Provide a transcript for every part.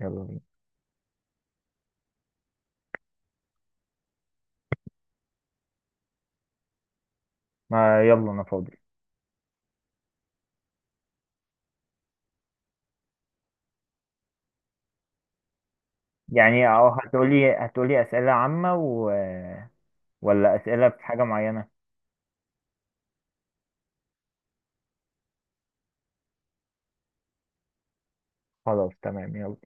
يلا بينا. ما يلا انا فاضي. يعني او هتقولي اسئله عامه و... ولا اسئله في حاجه معينه؟ خلاص تمام يلا.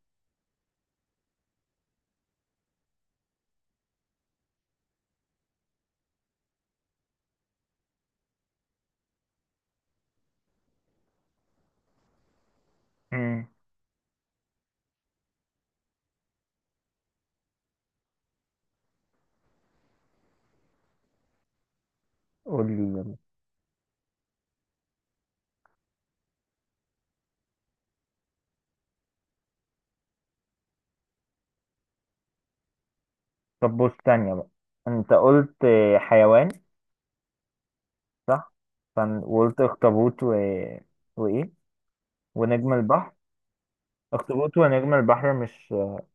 امم. قولي يلا. طب بص تانية بقى، انت قلت حيوان صح. فن... وقلت اخطبوط و... وايه؟ ونجم البحر. اخطبوط ونجم البحر، مش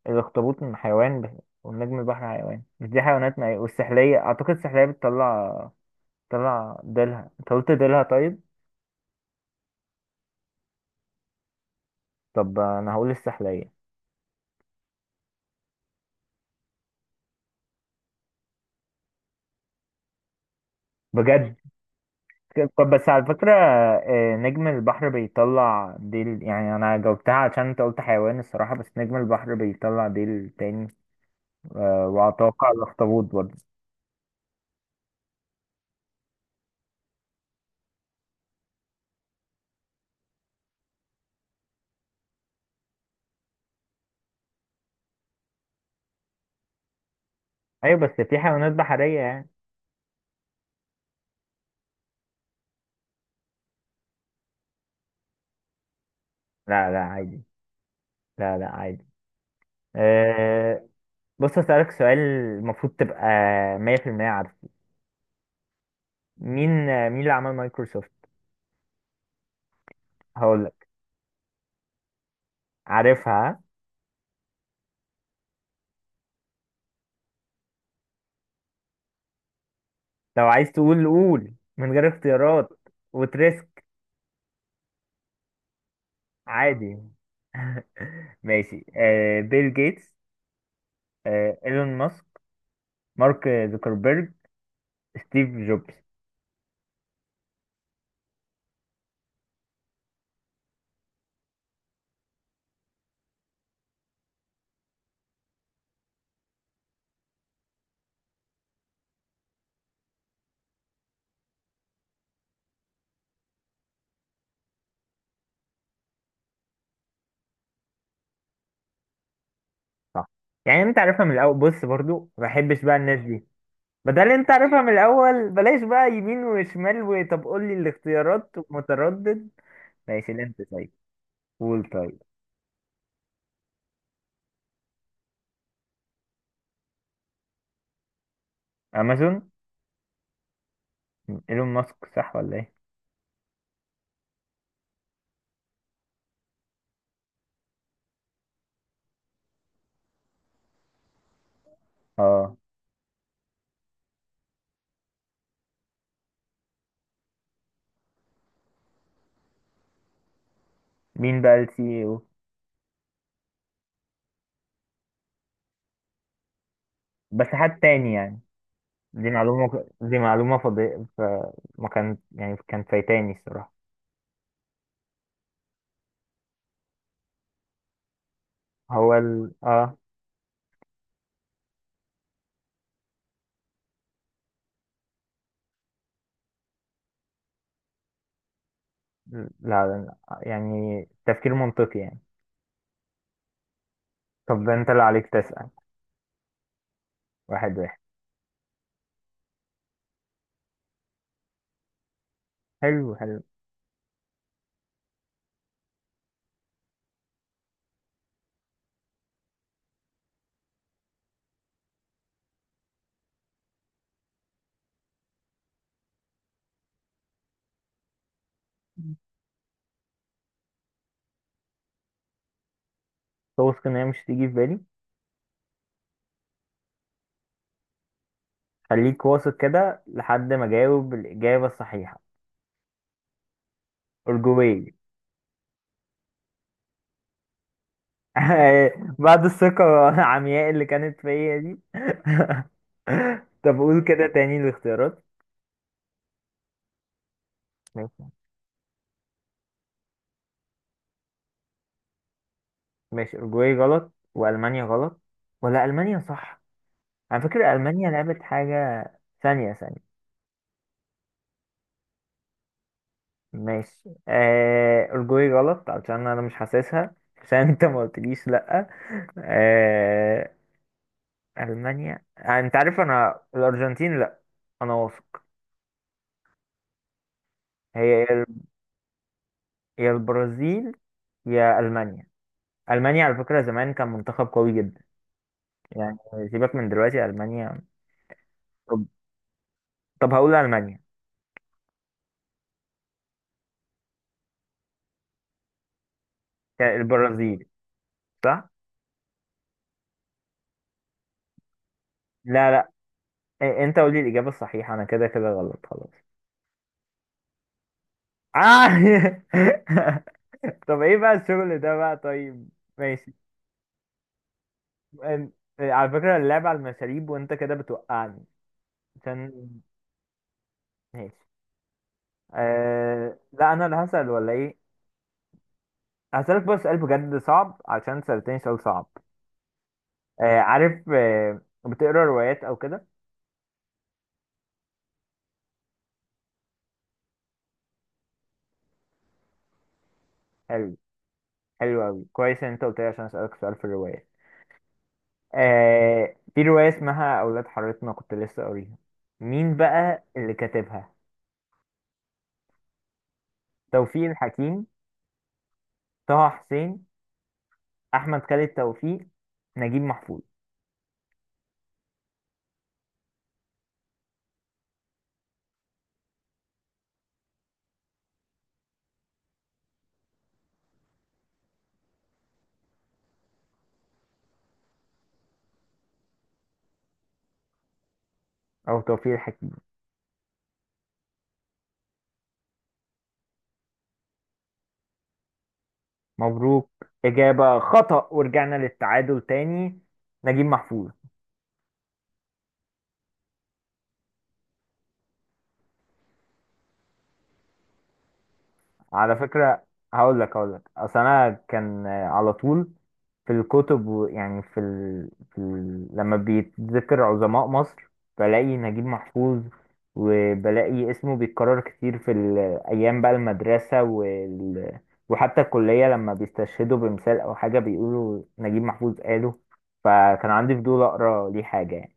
الاخطبوط من حيوان ب... ونجم البحر حيوان، مش دي حيوانات؟ ما والسحلية، اعتقد السحلية بتطلع، ديلها، انت قلت ديلها طيب. طب انا هقول السحلية. بجد؟ طب بس على فكرة نجم البحر بيطلع ديل، يعني أنا جاوبتها عشان أنت قلت حيوان الصراحة، بس نجم البحر بيطلع ديل تاني. وأتوقع الأخطبوط برضه. أيوة بس في حيوانات بحرية يعني. لا لا، عادي. لا لا، عادي. أه بص، أسألك سؤال المفروض تبقى مية في المية عارفه. مين مين اللي عمل مايكروسوفت؟ هقولك. عارفها، ها؟ لو عايز تقول قول من غير اختيارات وتريسك. عادي. ماشي، آه بيل جيتس، آه ايلون ماسك، مارك زوكربيرج، ستيف جوبز. صح، يعني انت عارفها من الاول. بص برضو ما بحبش بقى الناس دي. بدل انت عارفها من الاول بلاش بقى يمين وشمال، وطب قول لي الاختيارات متردد. ماشي، اللي انت طيب. قول طيب. امازون. ايلون ماسك صح ولا ايه؟ اه. مين بقى السي او؟ بس حد تاني يعني. دي معلومة فضي، فما كان يعني، كان فايتاني الصراحة. هو ال اه. لا لا لا، يعني تفكير منطقي يعني. طب ده انت اللي عليك تسأل. واحد واحد. حلو حلو. توثق ان هي مش تيجي في بالي. خليك واثق كده لحد ما اجاوب الإجابة الصحيحة. أرجوية. بعد الثقة العمياء اللي كانت فيا دي. طب قول كده تاني الاختيارات. ماشي. ماشي أورجواي غلط، وألمانيا غلط، ولا ألمانيا صح؟ على فكرة ألمانيا لعبت حاجة. ثانية ثانية. ماشي، آه الجوي غلط علشان انا مش حاسسها، عشان انت ما قلتليش لا. آه المانيا، آه انت عارف. انا الارجنتين لا، انا واثق. هي يا البرازيل، يا المانيا. المانيا على فكره زمان كان منتخب قوي جدا يعني. سيبك من دلوقتي المانيا. طب، طب هقول المانيا. يا البرازيل؟ صح. لا لا، إيه، انت قولي الاجابه الصحيحه، انا كده كده غلط خلاص. آه. طب ايه بقى الشغل ده بقى طيب؟ ماشي. أم- على فكرة اللعب على المشاريب وانت كده بتوقعني عشان. ماشي. أه... لا انا اللي هسأل ولا ايه؟ هسألك بس سؤال بجد صعب، عشان سألتني سؤال صعب. أه عارف، أه... بتقرا روايات او كده؟ حلو. حلو اوي، كويس ان انت قلت لي عشان اسألك سؤال في الروايات. أه... في رواية اسمها اولاد حارتنا كنت لسه قاريها. مين بقى اللي كاتبها؟ توفيق الحكيم، طه حسين، احمد خالد توفيق، نجيب محفوظ. او توفيق الحكيم. مبروك، إجابة خطأ، ورجعنا للتعادل تاني. نجيب محفوظ. على فكرة، هقول لك أصل أنا كان، على طول في الكتب يعني في, ال... في ال... لما بيتذكر عظماء مصر بلاقي نجيب محفوظ، وبلاقي اسمه بيتكرر كتير في الأيام بقى، المدرسة وال... وحتى الكلية، لما بيستشهدوا بمثال أو حاجة بيقولوا نجيب محفوظ قاله. فكان عندي فضول أقرأ ليه حاجة يعني.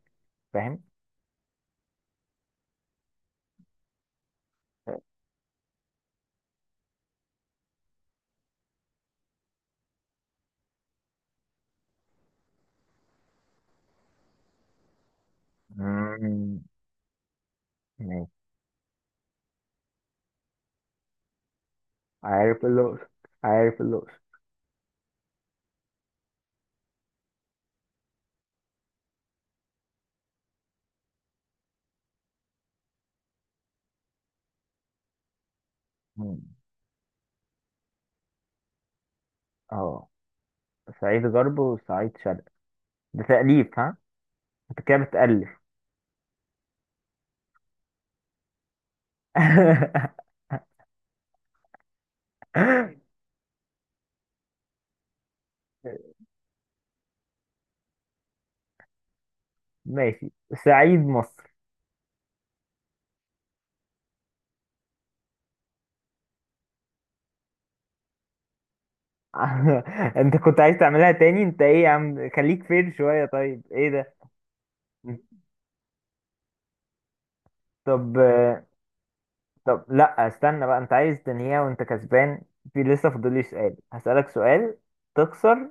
فاهم؟ ماشي. عارف الأقصر. عارف الأقصر. مم. اه. صعيد غرب وصعيد شرق؟ ده تأليف ها، انت كده بتألف. ماشي، صعيد مصر. انت كنت عايز تعملها تاني؟ انت ايه يا عم، خليك فين شوية طيب، ايه ده؟ طب، طب لا استنى بقى، انت عايز تنهيها وانت كسبان. في لسه فاضل لي سؤال، هسألك سؤال تخسر.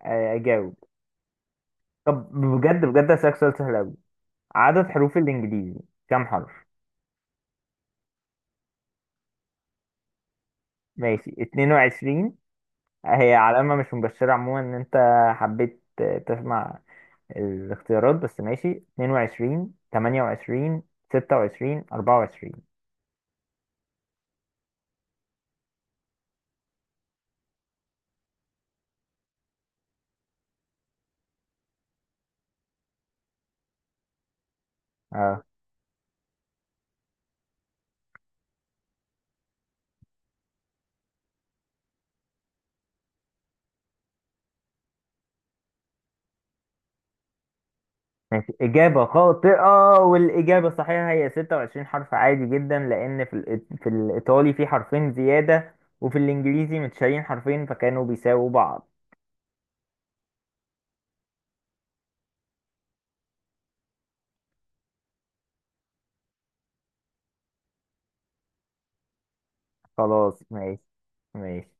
اجاوب. طب بجد بجد، هسألك سؤال سهل قوي. عدد حروف الانجليزي كام حرف؟ ماشي 22. هي علامة مش مبشرة عموما ان انت حبيت تسمع الاختيارات، بس ماشي 22, 28, 26, 24. اه ماشي، إجابة خاطئة، والإجابة الصحيحة هي 26 حرف. عادي جدا لأن في في الإيطالي في حرفين زيادة، وفي الإنجليزي متشالين حرفين، فكانوا بيساووا بعض. خلاص ماشي. ماشي.